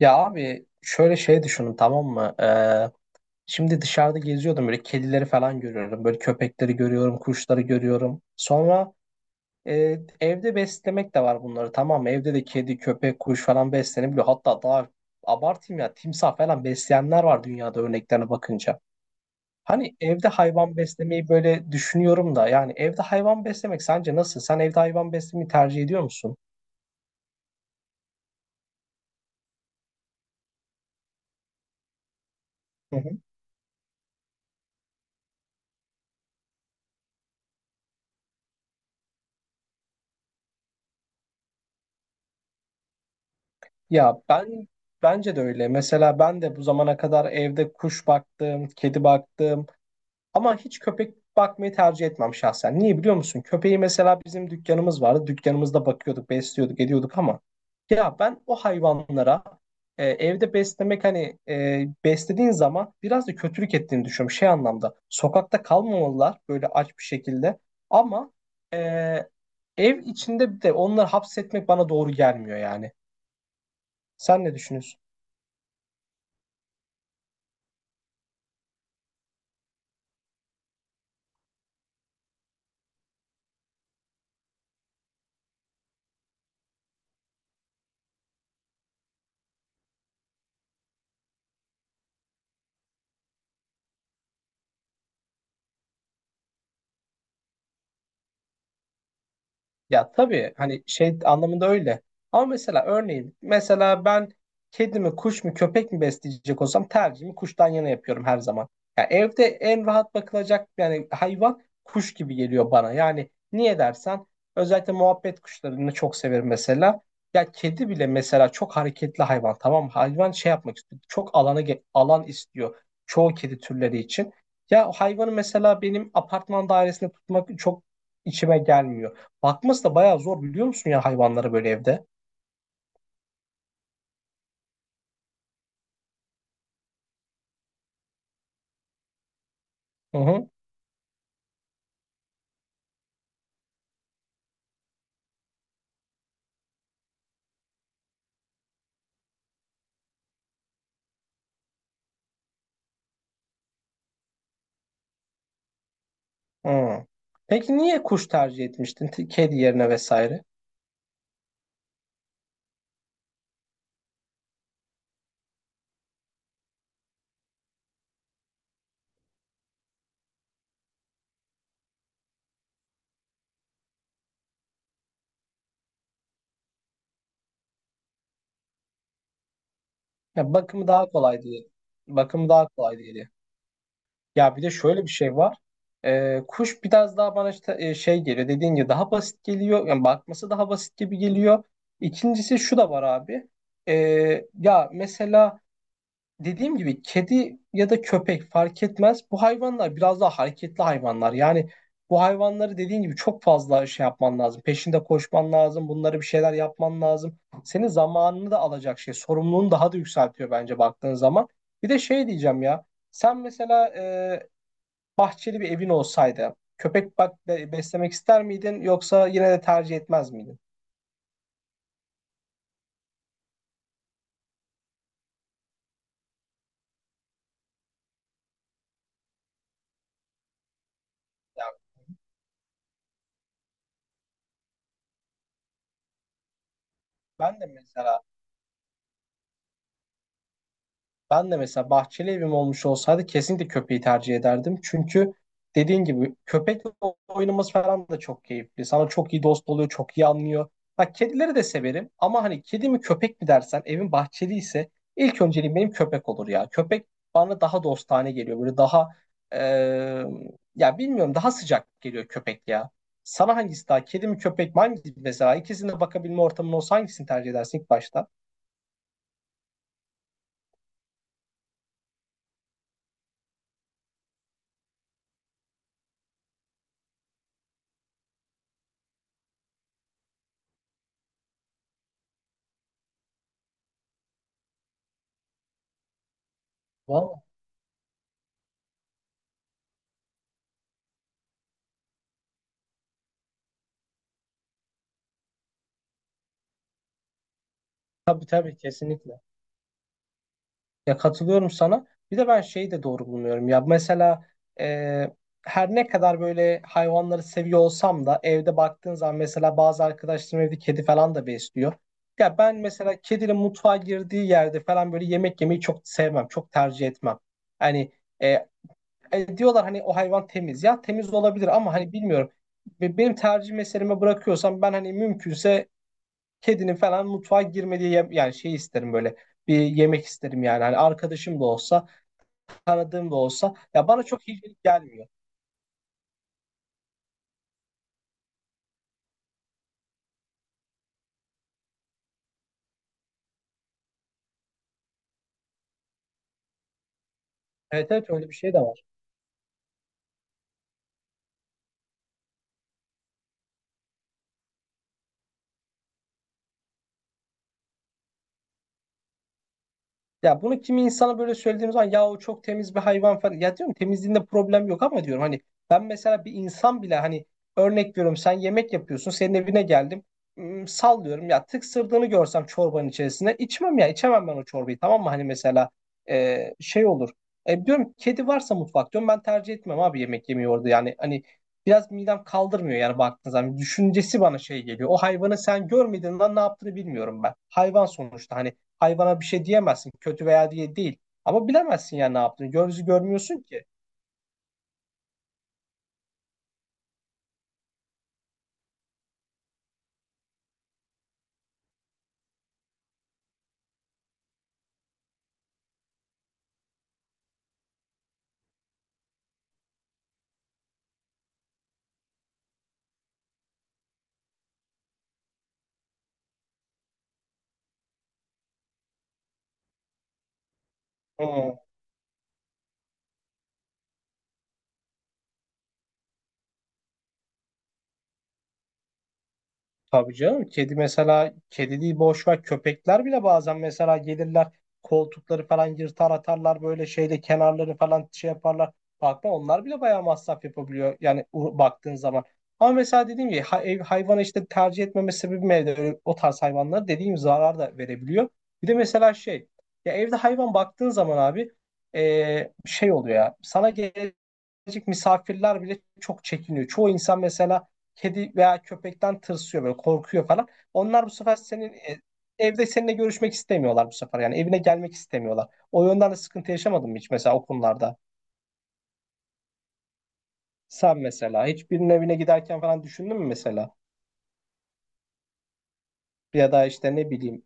Ya abi şöyle şey düşünün tamam mı? Şimdi dışarıda geziyordum böyle kedileri falan görüyorum. Böyle köpekleri görüyorum, kuşları görüyorum. Sonra evde beslemek de var bunları tamam mı? Evde de kedi, köpek, kuş falan beslenebiliyor. Hatta daha abartayım ya timsah falan besleyenler var dünyada örneklerine bakınca. Hani evde hayvan beslemeyi böyle düşünüyorum da yani evde hayvan beslemek sence nasıl? Sen evde hayvan beslemeyi tercih ediyor musun? Ya ben Bence de öyle. Mesela ben de bu zamana kadar evde kuş baktım, kedi baktım ama hiç köpek bakmayı tercih etmem şahsen. Niye biliyor musun? Köpeği mesela bizim dükkanımız vardı. Dükkanımızda bakıyorduk, besliyorduk, ediyorduk ama ya ben o hayvanlara evde beslemek hani beslediğin zaman biraz da kötülük ettiğini düşünüyorum. Şey anlamda sokakta kalmamalılar böyle aç bir şekilde ama e, ev içinde de onları hapsetmek bana doğru gelmiyor yani. Sen ne düşünüyorsun? Ya tabii hani şey anlamında öyle. Ama mesela örneğin mesela ben kedi mi kuş mu köpek mi besleyecek olsam tercihimi kuştan yana yapıyorum her zaman. Ya evde en rahat bakılacak yani hayvan kuş gibi geliyor bana. Yani niye dersen özellikle muhabbet kuşlarını çok severim mesela. Ya kedi bile mesela çok hareketli hayvan tamam mı? Hayvan şey yapmak istiyor. Çok alana alan istiyor çoğu kedi türleri için. Ya o hayvanı mesela benim apartman dairesinde tutmak çok içime gelmiyor. Bakması da bayağı zor biliyor musun ya hayvanlara böyle evde? Hı hı. Hı. Peki niye kuş tercih etmiştin? Kedi yerine vesaire. Ya bakımı daha kolay diye. Bakımı daha kolay diye. Ya bir de şöyle bir şey var. Kuş biraz daha bana işte şey geliyor. Dediğin gibi daha basit geliyor. Yani bakması daha basit gibi geliyor. İkincisi şu da var abi. Ya mesela dediğim gibi kedi ya da köpek fark etmez. Bu hayvanlar biraz daha hareketli hayvanlar. Yani bu hayvanları dediğin gibi çok fazla şey yapman lazım. Peşinde koşman lazım. Bunlara bir şeyler yapman lazım. Senin zamanını da alacak şey. Sorumluluğunu daha da yükseltiyor bence baktığın zaman. Bir de şey diyeceğim ya. Sen mesela e, bahçeli bir evin olsaydı köpek beslemek ister miydin yoksa yine de tercih etmez miydin? Ya ben de mesela Ben de mesela bahçeli evim olmuş olsaydı kesinlikle köpeği tercih ederdim. Çünkü dediğin gibi köpekle oynaması falan da çok keyifli. Sana çok iyi dost oluyor, çok iyi anlıyor. Bak kedileri de severim ama hani kedi mi köpek mi dersen evin bahçeli ise ilk önceliğim benim köpek olur ya. Köpek bana daha dostane geliyor. Böyle daha eee, ya bilmiyorum daha sıcak geliyor köpek ya. Sana hangisi daha kedi mi köpek mi hangisi mesela ikisine bakabilme ortamın olsa hangisini tercih edersin ilk başta? Vallahi tabii tabii kesinlikle. Ya katılıyorum sana. Bir de ben şeyi de doğru bulmuyorum. Ya mesela e, her ne kadar böyle hayvanları seviyor olsam da evde baktığın zaman mesela bazı arkadaşlarım evde kedi falan da besliyor. Ya ben mesela kedinin mutfağa girdiği yerde falan böyle yemek yemeyi çok sevmem, çok tercih etmem. Hani e, diyorlar hani o hayvan temiz. Ya temiz olabilir ama hani bilmiyorum. Benim tercih meseleme bırakıyorsam ben hani mümkünse kedinin falan mutfağa girmediği yani şey isterim böyle bir yemek isterim yani. Hani arkadaşım da olsa, tanıdığım da olsa ya bana çok hijyenik gelmiyor. Evet evet öyle bir şey de var. Ya bunu kimi insana böyle söylediğim zaman ya o çok temiz bir hayvan falan. Ya diyorum temizliğinde problem yok ama diyorum hani ben mesela bir insan bile hani örnek veriyorum sen yemek yapıyorsun senin evine geldim. Sallıyorum ya tıksırdığını görsem çorbanın içerisinde içmem ya içemem ben o çorbayı tamam mı hani mesela şey olur. Diyorum kedi varsa mutfak diyorum ben tercih etmem abi yemek yemeyi orada yani hani biraz midem kaldırmıyor yani baktığın zaman düşüncesi bana şey geliyor. O hayvanı sen görmediğinden ne yaptığını bilmiyorum ben. Hayvan sonuçta hani hayvana bir şey diyemezsin. Kötü veya diye değil. Ama bilemezsin ya ne yaptığını. Gözü görmüyorsun ki. Hı. Tabii canım kedi mesela kedi değil boş ver köpekler bile bazen mesela gelirler koltukları falan yırtar atarlar böyle şeyde kenarları falan şey yaparlar. Bakma onlar bile bayağı masraf yapabiliyor yani baktığın zaman. Ama mesela dediğim gibi hayvanı işte tercih etmeme sebebim evde öyle, o tarz hayvanlara dediğim gibi zarar da verebiliyor. Bir de mesela şey ya evde hayvan baktığın zaman abi şey oluyor ya sana birazcık misafirler bile çok çekiniyor. Çoğu insan mesela kedi veya köpekten tırsıyor böyle korkuyor falan. Onlar bu sefer senin evde seninle görüşmek istemiyorlar bu sefer. Yani evine gelmek istemiyorlar. O yönden de sıkıntı yaşamadın mı hiç mesela o konularda? Sen mesela hiçbirinin evine giderken falan düşündün mü mesela? Ya da işte ne bileyim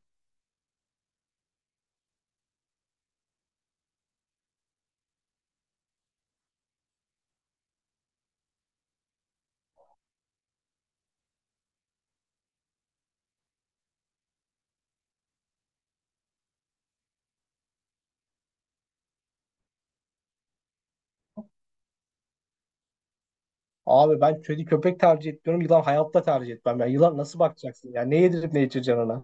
abi ben kedi köpek tercih etmiyorum. Yılan hayatta tercih etmem. Ya yılan nasıl bakacaksın? Ya ne yedirip ne içireceksin ona?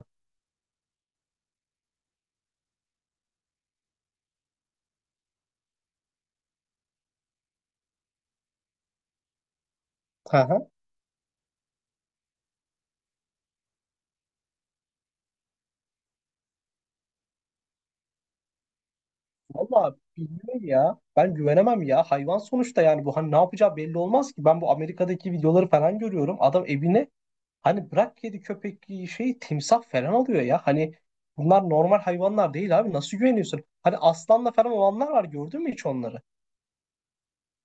Valla bilmiyorum ya. Ben güvenemem ya. Hayvan sonuçta yani bu hani ne yapacağı belli olmaz ki. Ben bu Amerika'daki videoları falan görüyorum. Adam evine hani bırak kedi köpek şey timsah falan alıyor ya. Hani bunlar normal hayvanlar değil abi. Nasıl güveniyorsun? Hani aslanla falan olanlar var gördün mü hiç onları?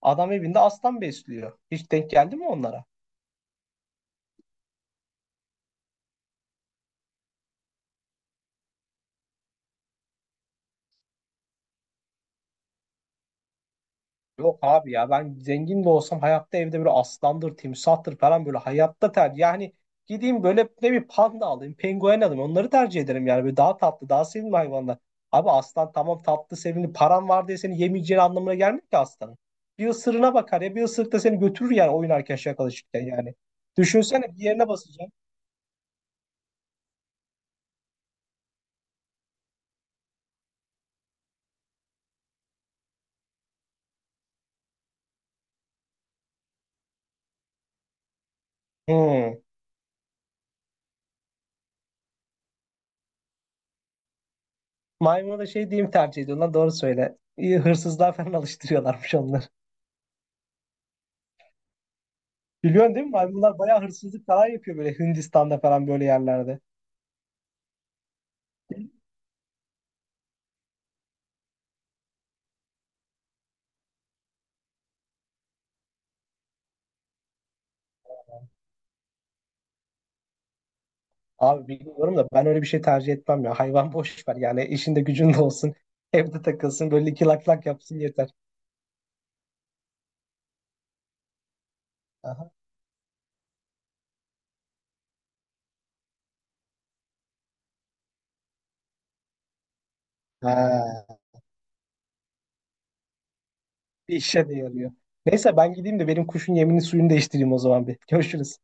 Adam evinde aslan besliyor. Hiç denk geldi mi onlara? Yok abi ya ben zengin de olsam hayatta evde böyle aslandır, timsahtır falan böyle hayatta tercih. Yani gideyim böyle ne bir panda alayım, penguen alayım onları tercih ederim yani. Böyle daha tatlı, daha sevimli hayvanlar. Abi aslan tamam tatlı, sevimli. Paran var diye seni yemeyeceğin anlamına gelmiyor ki aslanın. Bir ısırığına bakar ya bir ısırık da seni götürür yani oynarken şakalaşırken yani. Düşünsene bir yerine basacağım. Hmm. Maymuna da şey diyeyim tercih ediyorlar doğru söyle. İyi hırsızlığa falan alıştırıyorlarmış onları. Biliyorsun değil mi? Maymunlar bayağı hırsızlık falan yapıyor böyle Hindistan'da falan böyle yerlerde. Abi bilmiyorum da ben öyle bir şey tercih etmem ya. Hayvan boş ver yani işinde gücünde olsun. Evde takılsın böyle iki lak lak yapsın yeter. Aha. Ha, bir işe de yarıyor. Neyse ben gideyim de benim kuşun yemini suyunu değiştireyim o zaman bir. Görüşürüz.